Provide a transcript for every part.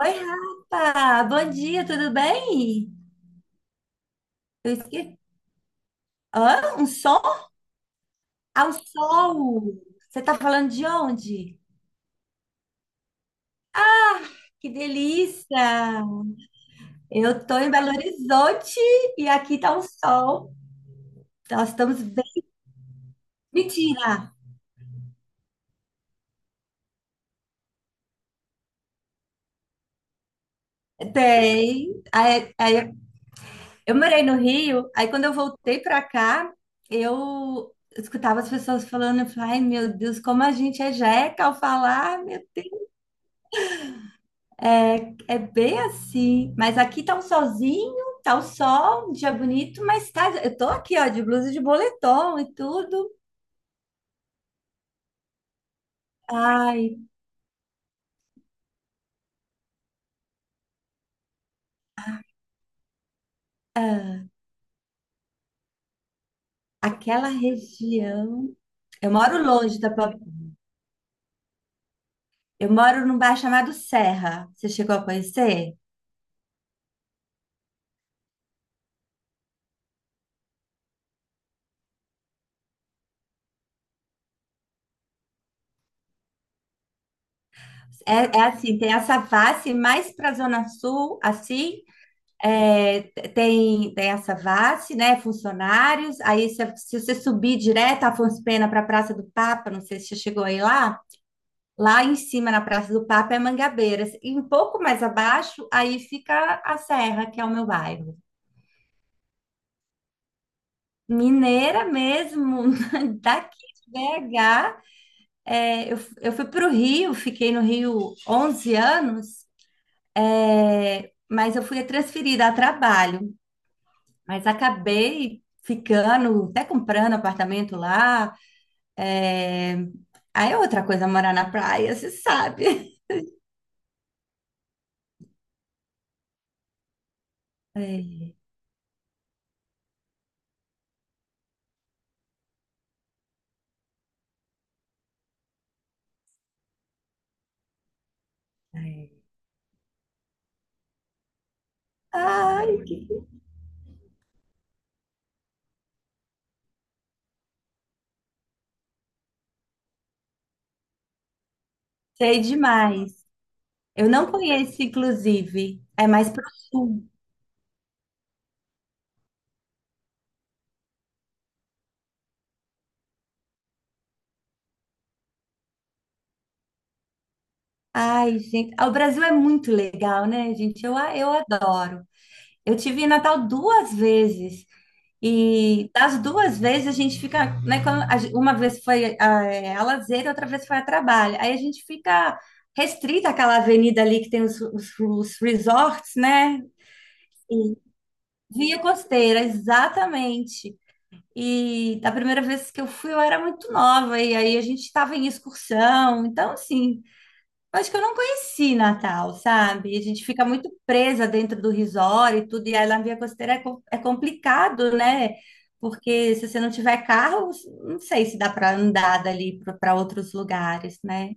Oi, Rafa! Bom dia, tudo bem? Eu esqueci. Hã? Um som? Ao sol! Você tá falando de onde? Que delícia! Eu tô em Belo Horizonte e aqui tá um sol. Nós estamos bem. Mentira! Tem. Aí, eu morei no Rio, aí quando eu voltei pra cá, eu escutava as pessoas falando, eu falei, ai meu Deus, como a gente é jeca ao falar, meu. É, é bem assim, mas aqui tá um solzinho, tá o sol, um dia bonito, mas tá, eu tô aqui, ó, de blusa e de boletom e tudo. Ai, ah, aquela região. Eu moro longe da Paulista. Eu moro num bairro chamado Serra. Você chegou a conhecer? É, é assim, tem essa face mais para a Zona Sul, assim. É, tem essa face, né? Funcionários. Aí, se você subir direto a Afonso Pena para a Praça do Papa, não sei se você chegou aí lá. Lá em cima, na Praça do Papa, é Mangabeiras. E um pouco mais abaixo, aí fica a Serra, que é o meu bairro. Mineira mesmo, daqui de BH. É, eu fui para o Rio, fiquei no Rio 11 anos, é, mas eu fui transferida a trabalho. Mas acabei ficando, até comprando apartamento lá. É, aí é outra coisa morar na praia, você sabe. É, é. Ai, sei demais. Eu não conheço, inclusive. É mais pro sul. Ai, gente. Ah, o Brasil é muito legal, né, gente? Eu adoro. Eu tive em Natal duas vezes. E das duas vezes a gente fica, né? Quando uma vez foi a lazer, outra vez foi a trabalho. Aí a gente fica restrita àquela avenida ali que tem os resorts, né? Via Costeira, exatamente. E da primeira vez que eu fui, eu era muito nova, e aí a gente estava em excursão. Então, assim. Acho que eu não conheci Natal, sabe? A gente fica muito presa dentro do resort e tudo, e aí lá na Via Costeira é complicado, né? Porque se você não tiver carro, não sei se dá para andar dali para outros lugares, né?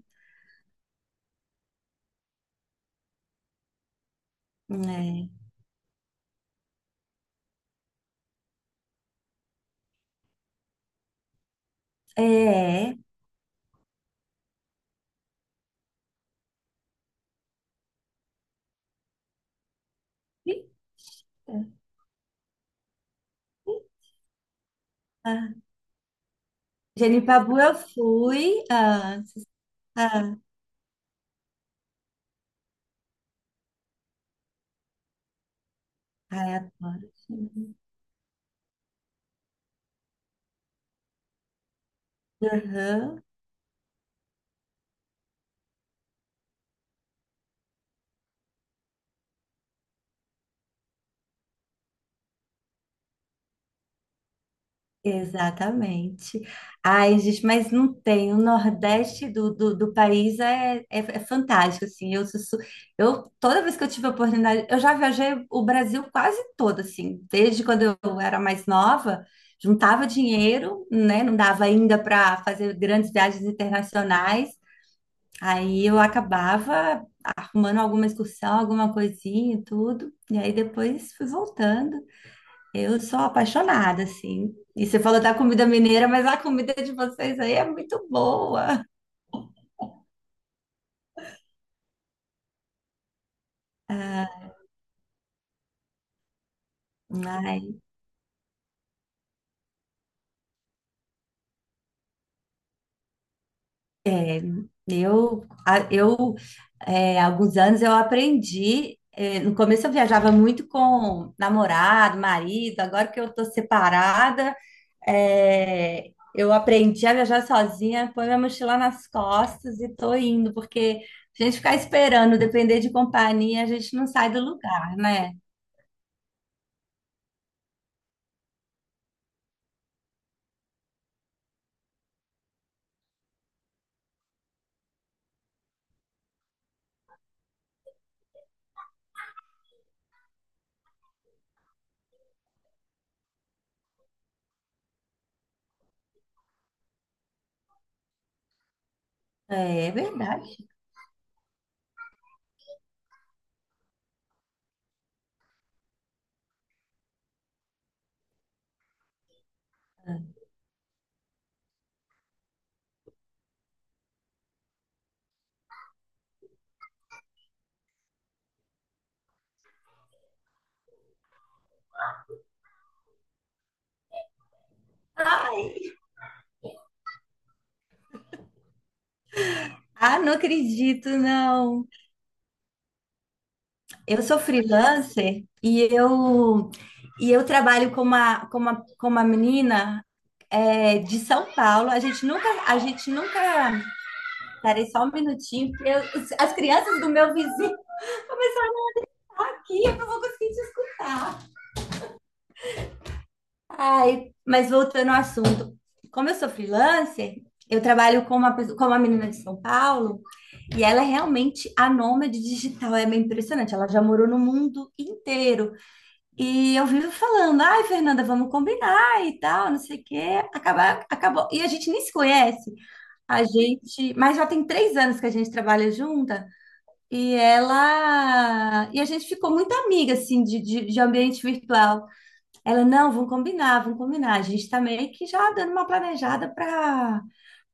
É. É. Eita. Ah. Genipabu eu fui. Ah, ah, ai, adoro. Aham. Exatamente. Ai, gente, mas não tem. O Nordeste do país é fantástico, assim. Eu, toda vez que eu tive a oportunidade, eu já viajei o Brasil quase todo, assim. Desde quando eu era mais nova, juntava dinheiro, né? Não dava ainda para fazer grandes viagens internacionais. Aí eu acabava arrumando alguma excursão, alguma coisinha e tudo. E aí depois fui voltando. Eu sou apaixonada, assim. E você falou da comida mineira, mas a comida de vocês aí é muito boa. Ah, ai, eu, a- eu é, há alguns anos eu aprendi. É, no começo eu viajava muito com namorado, marido. Agora que eu tô separada, eu aprendi a viajar sozinha, põe minha mochila nas costas e tô indo, porque se a gente ficar esperando, depender de companhia, a gente não sai do lugar, né? É, é verdade. Ah, não acredito, não. Eu sou freelancer e eu trabalho com com uma menina, de São Paulo. A gente nunca, a gente nunca. Parei só um minutinho, porque as crianças do meu vizinho estão aqui, eu não vou conseguir te escutar. Ai, mas voltando ao assunto, como eu sou freelancer, eu trabalho com uma menina de São Paulo. E ela é realmente a nômade digital, é bem impressionante. Ela já morou no mundo inteiro. E eu vivo falando, ai, Fernanda, vamos combinar e tal, não sei o quê. Acabou. E a gente nem se conhece. Mas já tem 3 anos que a gente trabalha junta e ela e a gente ficou muito amiga assim de ambiente virtual. Ela, não, vamos combinar, vamos combinar. A gente tá meio que já dando uma planejada para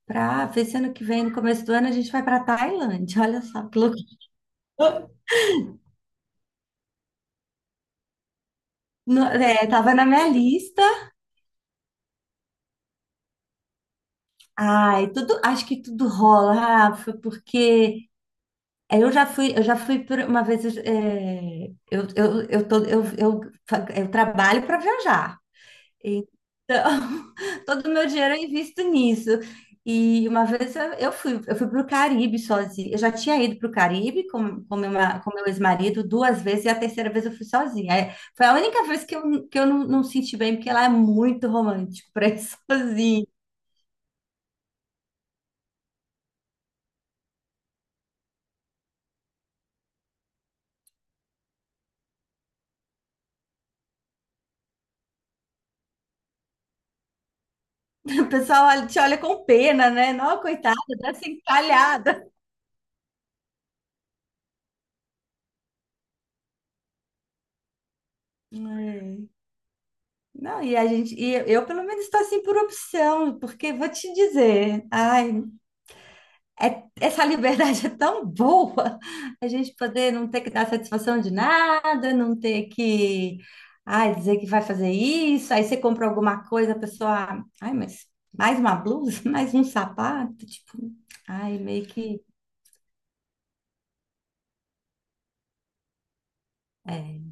para ver se ano que vem, no começo do ano, a gente vai para Tailândia. Olha só que loucura. Tava na minha lista. Ai, tudo, acho que tudo rola, Rafa, porque eu já fui por uma vez, eu trabalho para viajar, então todo o meu dinheiro eu invisto nisso. E uma vez eu fui para o Caribe sozinha. Eu já tinha ido para o Caribe com meu ex-marido duas vezes, e a terceira vez eu fui sozinha. É, foi a única vez que eu não, não senti bem, porque lá é muito romântico para ir sozinha. O pessoal te olha com pena, né? Não, coitada, dessa encalhada. É. Não, e a gente, e eu pelo menos estou assim por opção, porque vou te dizer, ai, essa liberdade é tão boa, a gente poder não ter que dar satisfação de nada, não ter que, ai, dizer que vai fazer isso, aí você compra alguma coisa, a pessoa, ai, mas mais uma blusa, mais um sapato, tipo, ai, meio que, é,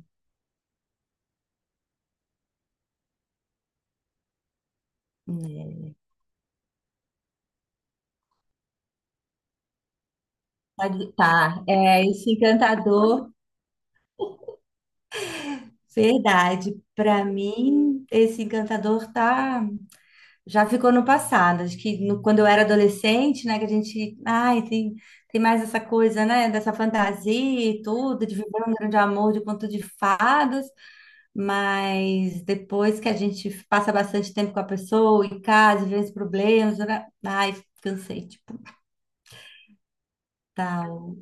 né? Tá, é esse encantador, verdade. Para mim, esse encantador já ficou no passado. Acho que quando eu era adolescente, né, que a gente, ai, tem mais essa coisa, né, dessa fantasia e tudo, de viver um grande amor de conto de fadas, mas depois que a gente passa bastante tempo com a pessoa em casa, e vê os problemas, né, ai, cansei, tipo, tal,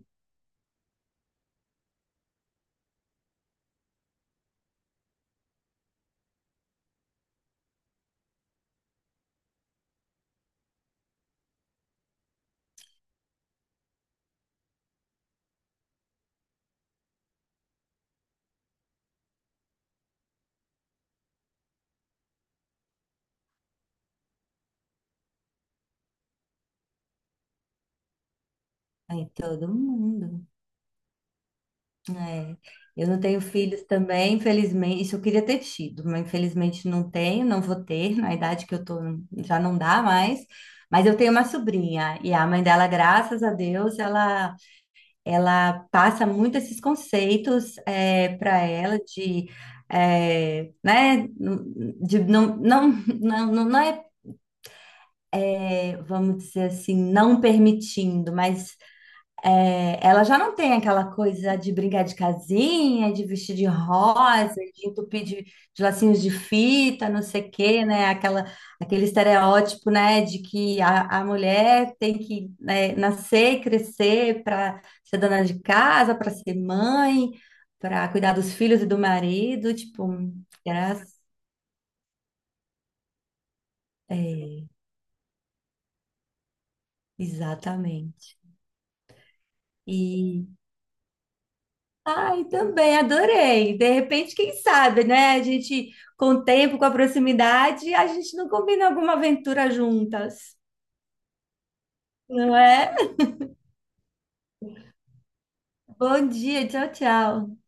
aí todo mundo. É, eu não tenho filhos também, infelizmente. Isso eu queria ter tido, mas infelizmente não tenho, não vou ter. Na idade que eu tô, já não dá mais. Mas eu tenho uma sobrinha e a mãe dela, graças a Deus, ela, passa muito esses conceitos para ela de, é, né, de não, não, não, não é, vamos dizer assim, não permitindo, mas é, ela já não tem aquela coisa de brigar de casinha, de vestir de rosa, de entupir de lacinhos de fita, não sei o quê, né? Aquele estereótipo, né, de que a mulher tem que, né, nascer crescer para ser dona de casa, para ser mãe, para cuidar dos filhos e do marido, tipo, graças. É, exatamente. Ai, também, adorei. De repente, quem sabe, né? A gente, com o tempo, com a proximidade, a gente não combina alguma aventura juntas, não é? Bom dia, tchau, tchau.